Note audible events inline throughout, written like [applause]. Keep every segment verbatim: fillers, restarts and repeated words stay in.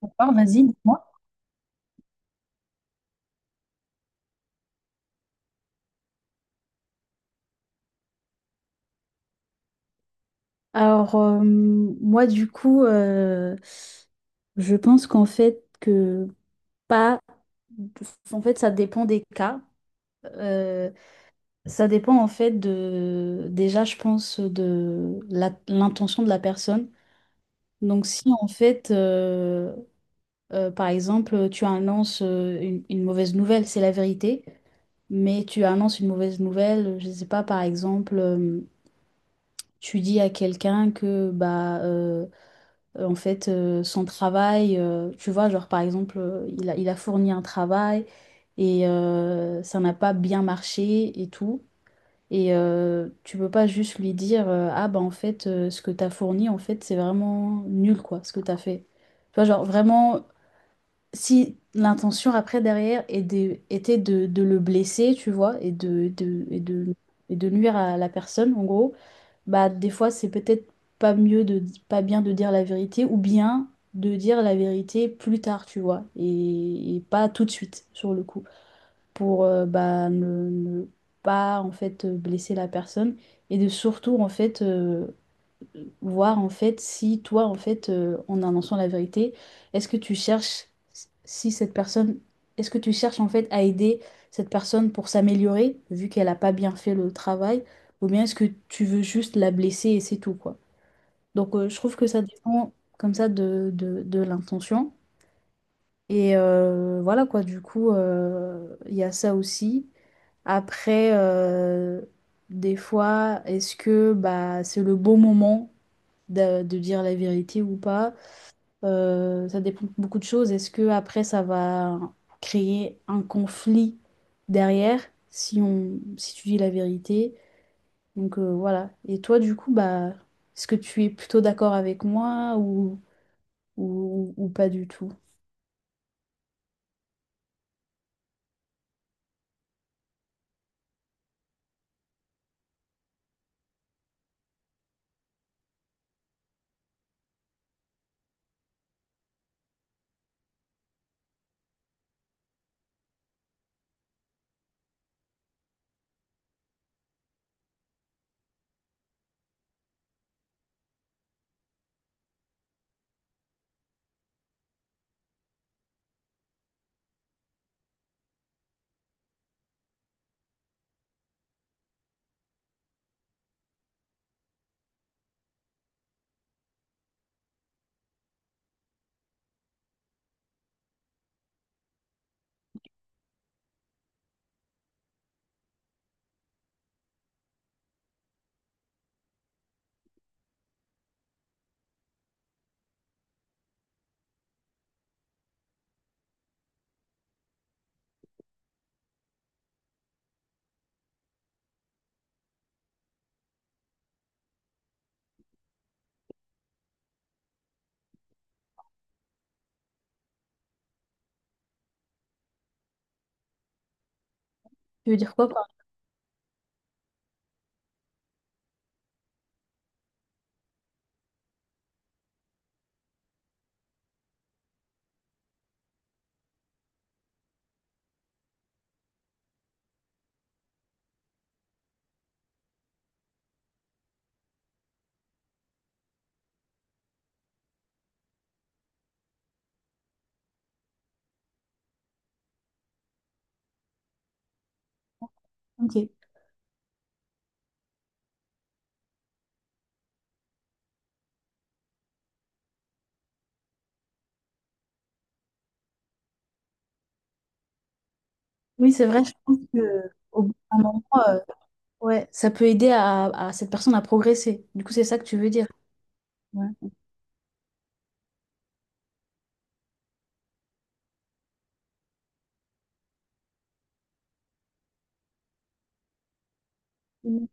D'accord, vas-y, dis-moi. Alors, euh, moi, du coup, euh, je pense qu'en fait, que pas. En fait, ça dépend des cas. Euh, ça dépend, en fait, de. Déjà, je pense, de la- l'intention de la personne. Donc, si, en fait, euh, euh, par exemple, tu annonces euh, une, une mauvaise nouvelle, c'est la vérité, mais tu annonces une mauvaise nouvelle, je ne sais pas, par exemple, euh, tu dis à quelqu'un que, bah. euh, euh, en fait, euh, son travail. euh, tu vois, genre, par exemple, euh, il a, il a fourni un travail et euh, ça n'a pas bien marché et tout. Et euh, tu peux pas juste lui dire, euh, ah bah en fait, euh, ce que t'as fourni, en fait, c'est vraiment nul, quoi, ce que t'as fait. Tu vois, genre, vraiment, si l'intention après, derrière, est de- était de, de le blesser, tu vois, et de, de, et de, et de nuire à la personne, en gros bah des fois c'est peut-être pas mieux de pas bien de dire la vérité ou bien de dire la vérité plus tard, tu vois, et, et pas tout de suite sur le coup pour euh, bah ne, ne pas en fait blesser la personne et de surtout en fait euh, voir en fait si toi en fait euh, en annonçant la vérité, est-ce que tu cherches si cette personne est-ce que tu cherches en fait à aider cette personne pour s'améliorer vu qu'elle a pas bien fait le travail ou bien est-ce que tu veux juste la blesser et c'est tout quoi. Donc euh, je trouve que ça dépend comme ça de, de, de l'intention et euh, voilà quoi du coup euh, il y a ça aussi. Après euh, des fois est-ce que bah c'est le bon moment de, de dire la vérité ou pas. Euh, ça dépend de beaucoup de choses. Est-ce que après ça va créer un conflit derrière si on, si tu dis la vérité? Donc euh, voilà. Et toi, du coup, bah, est-ce que tu es plutôt d'accord avec moi ou, ou, ou, pas du tout? Tu veux dire quoi par... Ok. Oui, c'est vrai, je pense que au bout d'un moment, euh, ouais, ça peut aider à, à cette personne à progresser. Du coup, c'est ça que tu veux dire. Ouais.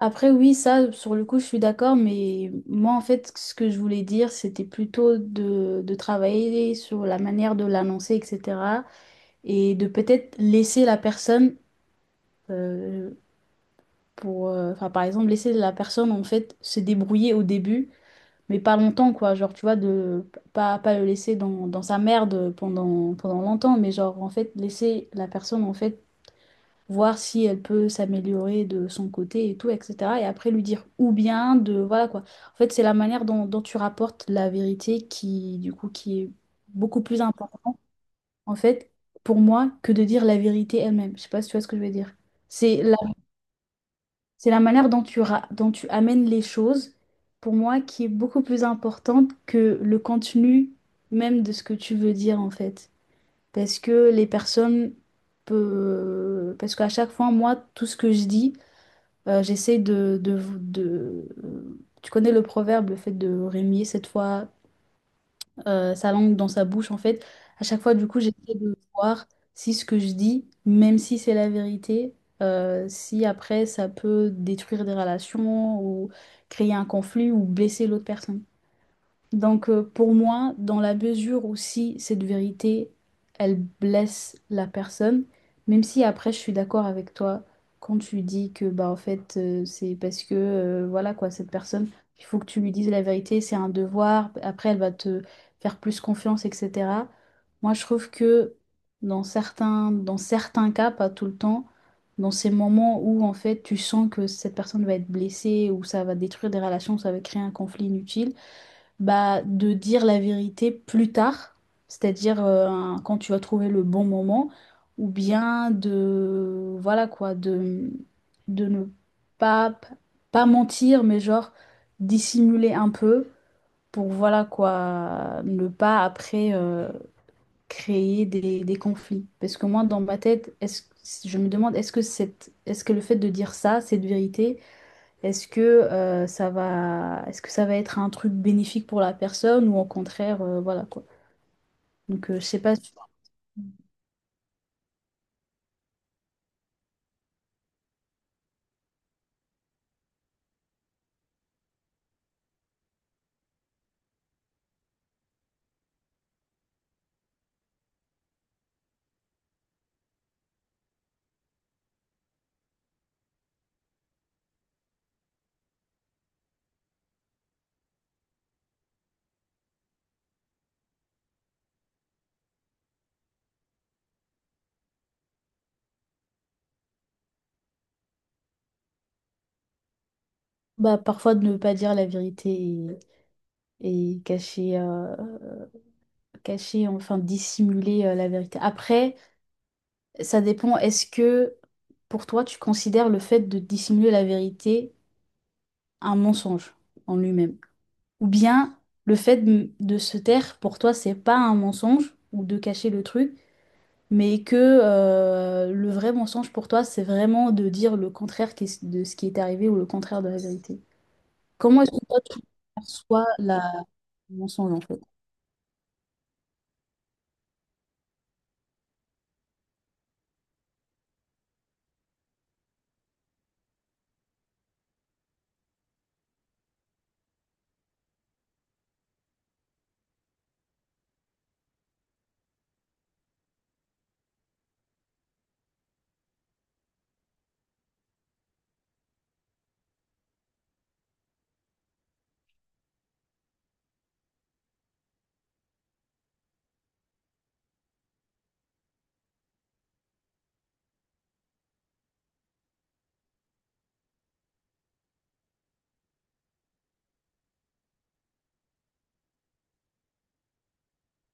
Après, oui, ça, sur le coup, je suis d'accord, mais moi, en fait, ce que je voulais dire, c'était plutôt de, de travailler sur la manière de l'annoncer, et cetera. Et de peut-être laisser la personne, euh, pour, euh, enfin, par exemple, laisser la personne, en fait, se débrouiller au début, mais pas longtemps, quoi. Genre, tu vois, de pas, pas le laisser dans, dans sa merde pendant, pendant longtemps, mais genre, en fait, laisser la personne, en fait, voir si elle peut s'améliorer de son côté et tout, et cetera. Et après lui dire ou bien de, voilà quoi. En fait, c'est la manière dont, dont tu rapportes la vérité qui, du coup, qui est beaucoup plus important, en fait, pour moi, que de dire la vérité elle-même. Je sais pas si tu vois ce que je veux dire. C'est la, c'est la manière dont tu, ra- dont tu amènes les choses, pour moi, qui est beaucoup plus importante que le contenu même de ce que tu veux dire, en fait. Parce que les personnes peu- Parce qu'à chaque fois, moi, tout ce que je dis, euh, j'essaie de, de, de- euh, tu connais le proverbe, le fait de remuer cette fois euh, sa langue dans sa bouche, en fait. À chaque fois, du coup, j'essaie de voir si ce que je dis, même si c'est la vérité, euh, si après ça peut détruire des relations ou créer un conflit ou blesser l'autre personne. Donc euh, pour moi, dans la mesure où si cette vérité, elle blesse la personne, même si après je suis d'accord avec toi quand tu dis que bah en fait euh, c'est parce que euh, voilà quoi cette personne, il faut que tu lui dises la vérité, c'est un devoir, après elle va te faire plus confiance, et cetera. Moi je trouve que dans certains, dans certains cas, pas tout le temps, dans ces moments où en fait tu sens que cette personne va être blessée ou ça va détruire des relations, ça va créer un conflit inutile bah, de dire la vérité plus tard, c'est-à-dire euh, quand tu vas trouver le bon moment, ou bien de, voilà quoi, de, de ne pas, pas mentir, mais genre dissimuler un peu pour, voilà quoi, ne pas après euh, créer des, des conflits. Parce que moi, dans ma tête, est-ce, je me demande, est-ce que cette, est-ce que le fait de dire ça, cette vérité, est-ce que, euh, ça va, est-ce que ça va être un truc bénéfique pour la personne ou au contraire, euh, voilà quoi. Donc, euh, je sais pas, si, bah, parfois de ne pas dire la vérité et, et cacher, euh, cacher, enfin dissimuler euh, la vérité. Après, ça dépend, est-ce que pour toi, tu considères le fait de dissimuler la vérité un mensonge en lui-même? Ou bien le fait de, de se taire, pour toi, c'est pas un mensonge ou de cacher le truc? Mais que euh, le vrai mensonge pour toi, c'est vraiment de dire le contraire qu'est- de ce qui est arrivé ou le contraire de la vérité. Comment est-ce que toi, tu perçois la... le mensonge en fait?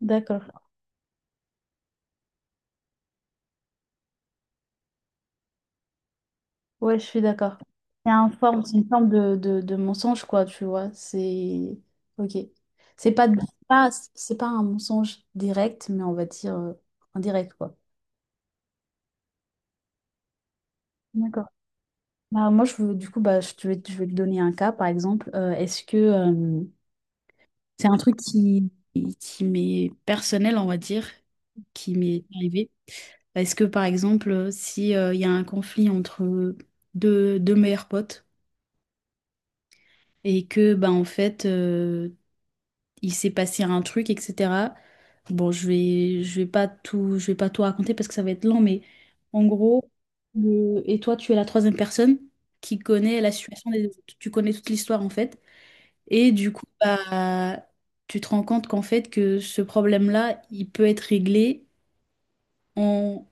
D'accord, ouais, je suis d'accord. C'est un forme, c'est une forme de, de, de mensonge, quoi, tu vois. C'est. Ok. C'est pas, c'est pas, c'est pas un mensonge direct, mais on va dire euh, indirect, quoi. D'accord. Bah, moi, je veux, du coup, bah, je te vais, je vais te donner un cas, par exemple. Euh, est-ce que euh, C'est un truc qui, qui m'est personnel, on va dire, qui m'est arrivé. Parce que, par exemple, si euh, il y a un conflit entre deux, deux meilleurs potes et que, ben, en fait, euh, il s'est passé un truc, et cetera. Bon, je vais, je vais pas tout, je vais pas tout raconter parce que ça va être long, mais en gros, le- et toi, tu es la troisième personne qui connaît la situation des autres. Tu connais toute l'histoire, en fait. Et du coup, bah, tu te rends compte qu'en fait, que ce problème-là, il peut être réglé en,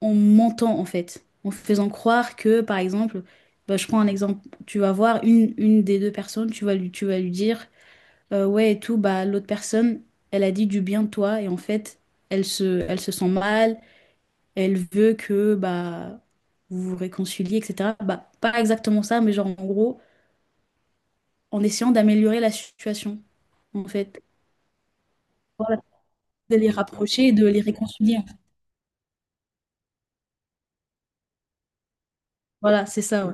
en mentant, en fait. En faisant croire que, par exemple, bah, je prends un exemple, tu vas voir une, une des deux personnes, tu vas lui, tu vas lui dire, euh, ouais, et tout, bah, l'autre personne, elle a dit du bien de toi, et en fait, elle se, elle se sent mal, elle veut que, bah, vous vous réconciliez, et cetera. Bah, pas exactement ça, mais genre, en gros, en essayant d'améliorer la situation, en fait. Voilà. De les rapprocher et de les réconcilier. Voilà, c'est ça. Ouais.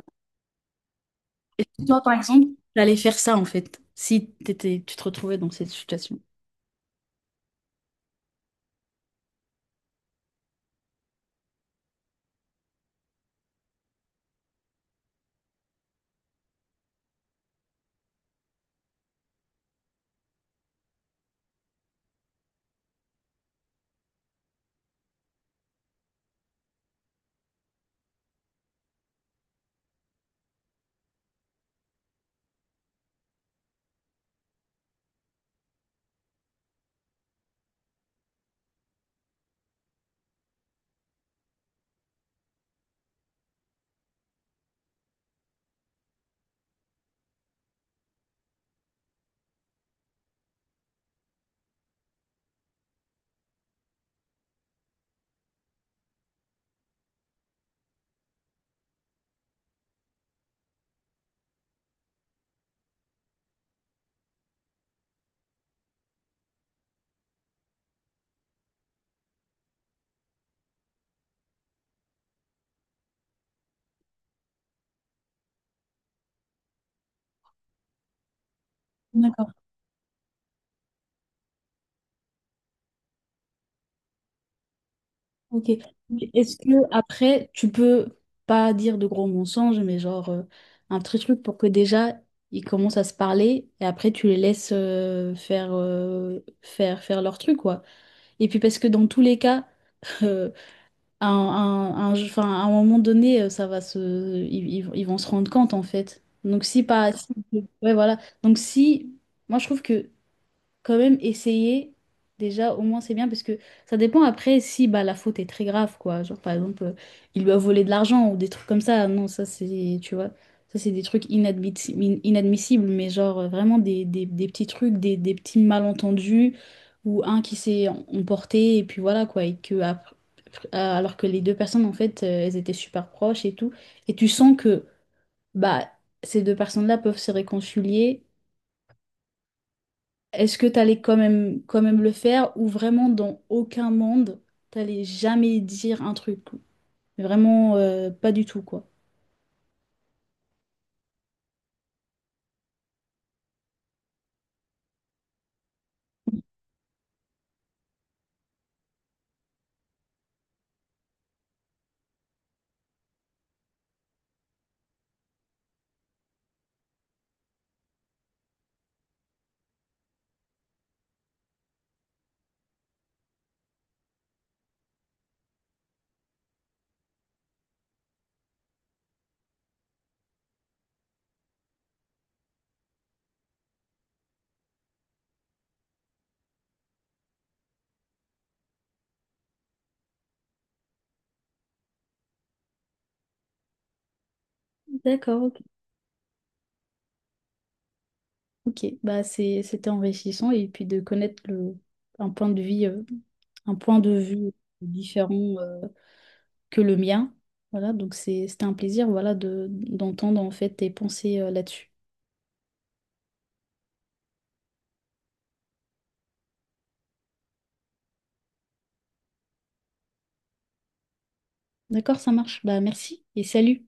Et toi, par exemple, t'allais faire ça en fait, si t'étais, tu te retrouvais dans cette situation. D'accord, ok. Mais Est-ce que après, tu peux pas dire de gros mensonges, mais genre euh, un petit truc pour que déjà ils commencent à se parler et après tu les laisses euh, faire, euh, faire, faire leur truc, quoi. Et puis parce que dans tous les cas, [laughs] à un, un- un enfin, à un moment donné, euh, ça va se, ils, ils vont ils vont se rendre compte en fait. Donc si pas, si- Ouais, voilà. Donc si, moi je trouve que quand même essayer. Déjà, au moins, c'est bien parce que ça dépend après si bah, la faute est très grave, quoi. Genre, par exemple, euh, il lui a volé de l'argent ou des trucs comme ça. Non, ça, c'est, tu vois, ça, c'est des trucs inadmissi- in- inadmissibles, mais genre, euh, vraiment des, des- des petits trucs, des, des petits malentendus ou un qui s'est em- emporté et puis voilà, quoi. Et que, ap- euh, alors que les deux personnes, en fait, euh, elles étaient super proches et tout. Et tu sens que, bah, ces deux personnes-là peuvent se réconcilier. Est-ce que t'allais quand même, quand même le faire ou vraiment dans aucun monde, t'allais jamais dire un truc? Vraiment, euh, pas du tout, quoi. D'accord, ok. Ok, bah, c'est, c'était enrichissant et puis de connaître le, un point de vue, euh, un point de vue différent, euh, que le mien. Voilà, donc c'est, c'était un plaisir, voilà, de, d'entendre en fait tes pensées, euh, là-dessus. D'accord, ça marche. Bah, merci et salut.